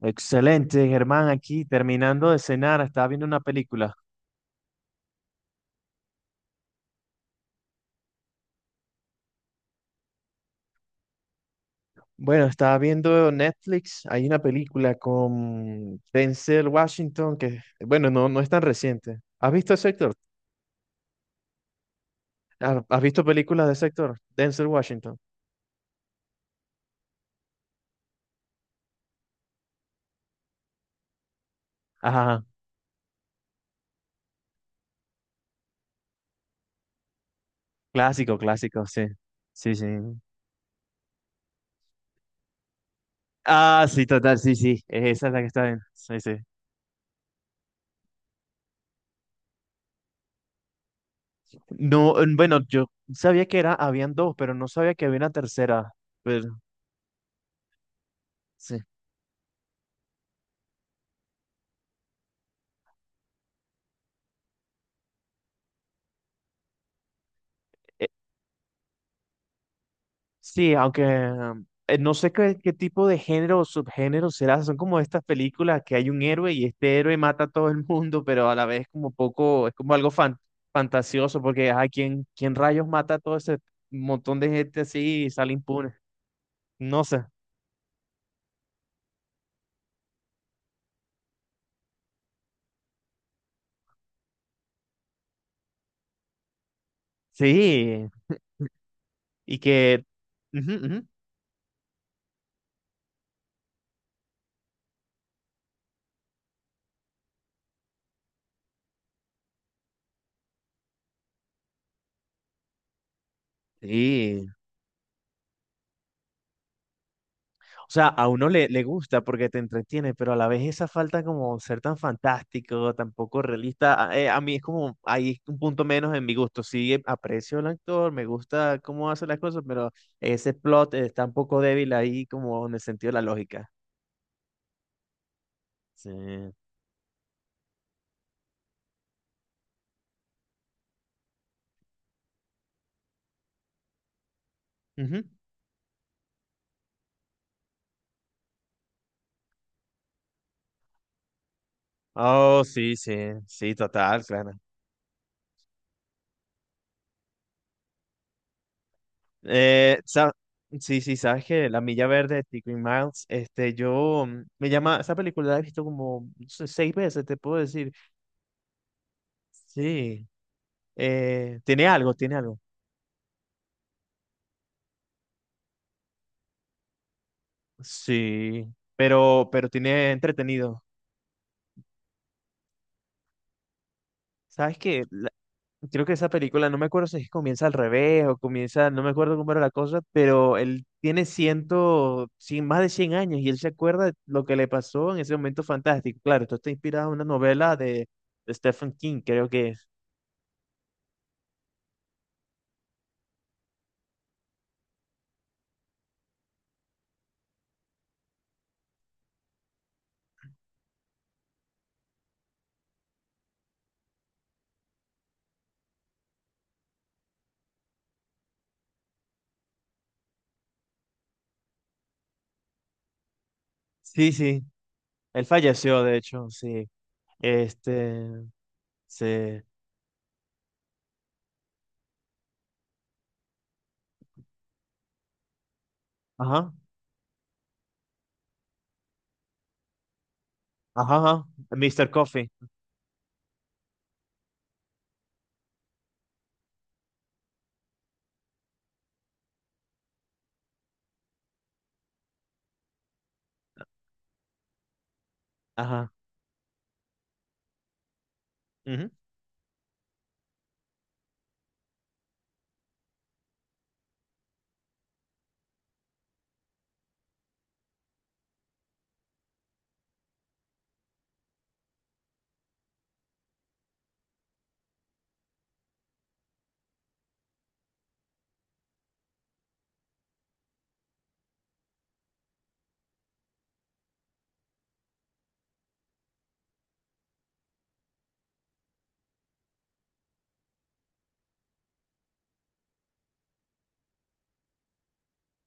Excelente, Germán, aquí terminando de cenar, estaba viendo una película. Bueno, estaba viendo Netflix, hay una película con Denzel Washington que, bueno, no, no es tan reciente. ¿Has visto ese actor? ¿Has visto películas de ese actor? Denzel Washington. Ajá, clásico, clásico, sí. Sí, sí. Ah, sí, total, sí, sí, esa es la que está bien. Sí, sí. No, bueno, yo sabía que era, habían dos, pero no sabía que había una tercera. Pero, sí. Sí, aunque no sé qué tipo de género o subgénero será. Son como estas películas que hay un héroe y este héroe mata a todo el mundo, pero a la vez como poco, es como algo fantasioso, porque ay, ¿quién rayos mata a todo ese montón de gente así y sale impune? No sé. Sí, y que... ujú, ujú. Sí, o sea, a uno le gusta porque te entretiene, pero a la vez esa falta como ser tan fantástico, tan poco realista, a mí es como, ahí es un punto menos en mi gusto. Sí, aprecio al actor, me gusta cómo hace las cosas, pero ese plot está un poco débil ahí como en el sentido de la lógica. Sí. Ujú. Oh, sí, sí, sí, total, claro. Eh, sa- sí, sí, sabes que La Milla Verde de Tico y Miles, yo me llama, esa película la he visto como no sé, 6 veces, te puedo decir. Sí. Tiene algo, tiene algo. Sí, pero tiene entretenido. ¿Sabes qué? Creo que esa película, no me acuerdo si es que comienza al revés o comienza, no me acuerdo cómo era la cosa, pero él tiene más de 100 años y él se acuerda de lo que le pasó en ese momento fantástico. Claro, esto está inspirado en una novela de Stephen King, creo que es. Sí, sí, él falleció, de hecho, sí. Este, sí. Ajá, ajá, ajá. Mr. Coffee, ajá. Ujú.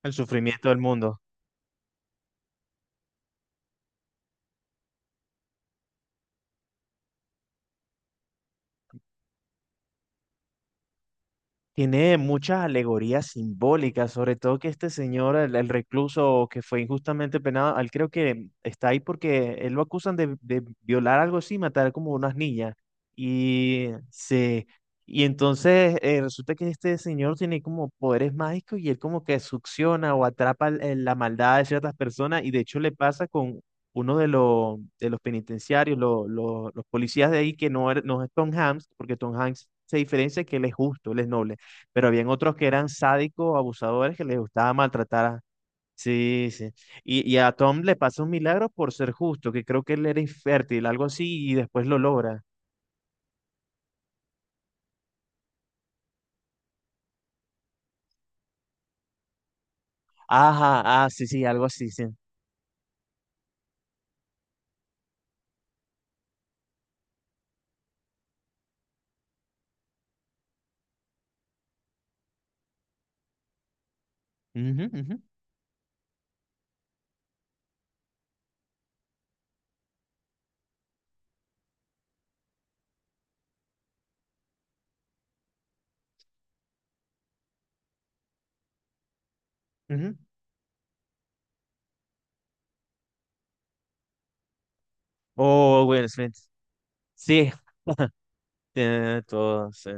El sufrimiento del mundo. Tiene muchas alegorías simbólicas, sobre todo que este señor, el recluso que fue injustamente penado, él creo que está ahí porque él lo acusan de violar algo así, matar como unas niñas. Y se, y entonces resulta que este señor tiene como poderes mágicos y él como que succiona o atrapa la maldad de ciertas personas y de hecho le pasa con uno de los penitenciarios, los policías de ahí que no, no es Tom Hanks, porque Tom Hanks se diferencia que él es justo, él es noble, pero habían otros que eran sádicos, abusadores, que les gustaba maltratar a. Sí, sí. Y a Tom le pasa un milagro por ser justo, que creo que él era infértil, algo así, y después lo logra. Ajá, ah, sí, sí, algo así, sí. Ujú, ujú, ujú. Oh, Will Smith. Sí, tiene todo, sí.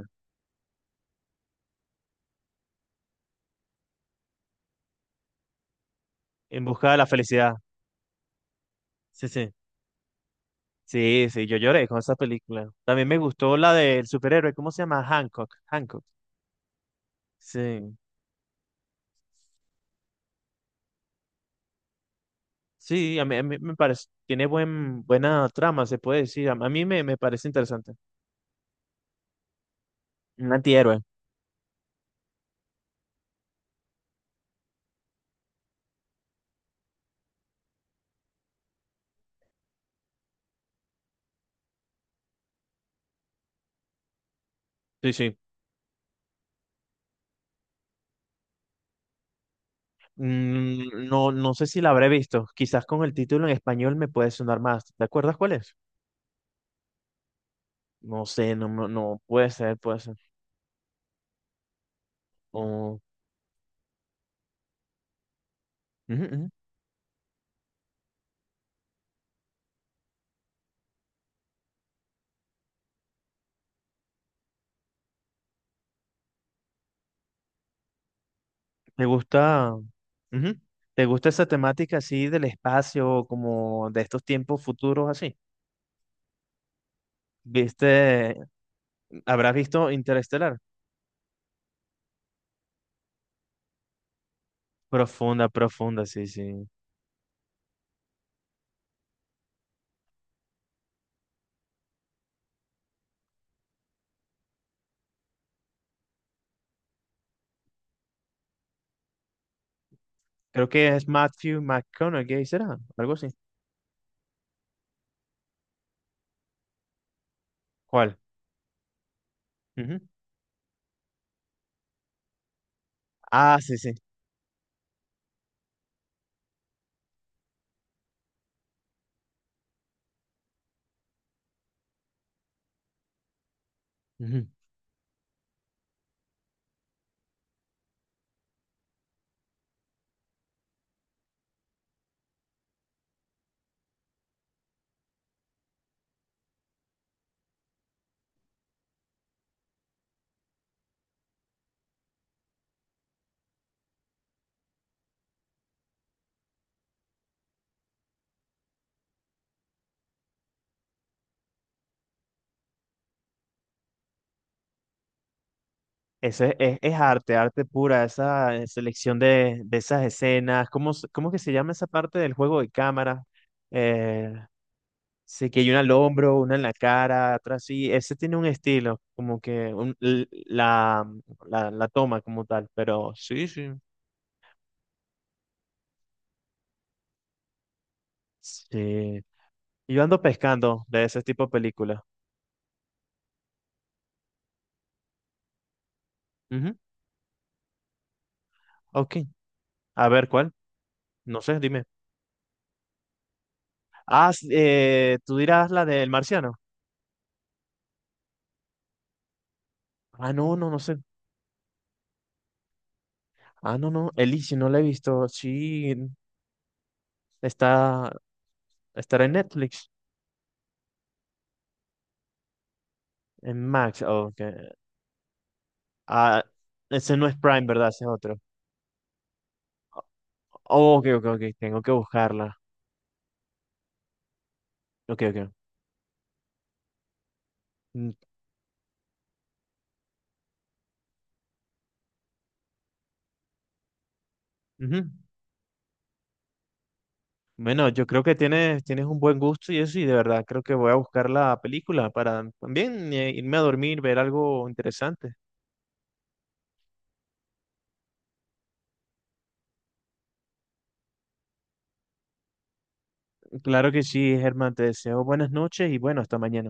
En busca de la felicidad. Sí, sí. Sí, sí, yo lloré con esa película. También me gustó la del superhéroe, ¿cómo se llama? Hancock. Hancock. Sí. Sí, a mí me parece, tiene buena trama, se puede decir. A mí me parece interesante. Un antihéroe. Sí, sí. No, no sé si la habré visto. Quizás con el título en español me puede sonar más. ¿Te acuerdas cuál es? No sé, no, no, no, puede ser, puede ser. O- Ujú, ujú. ¿Te gusta? Ujú. ¿Te gusta esa temática así del espacio, como de estos tiempos futuros así? ¿Viste? ¿Habrás visto Interestelar? Profunda, profunda, sí, sí. Creo que es Matthew McConaughey, ¿será? Algo así. ¿Cuál? Ujú. Ah, sí, sí. Ujú. Eso es arte, arte pura, esa selección de esas escenas. ¿Cómo que se llama esa parte del juego de cámara? Eh, sí, que hay una al hombro, una en la cara, atrás sí. Ese tiene un estilo, como que la toma como tal, pero sí, sí. Sí. Yo ando pescando de ese tipo de películas. Ujú. Ok. A ver, ¿cuál? No sé, dime. Ah, tú dirás la del marciano. Ah, no, no, no sé. Ah, no, no. Elysium no la he visto. Sí, está, estará en Netflix, en Max. Oh, ok. Ah, ese no es Prime, ¿verdad? Ese es otro. Oh, ok, ok, ok. Tengo que buscarla. Ok, ok. Mm, ujú. Bueno, yo creo que tienes un buen gusto y eso, y de verdad creo que voy a buscar la película para también irme a dormir, ver algo interesante. Claro que sí, Germán, te deseo buenas noches y bueno, hasta mañana.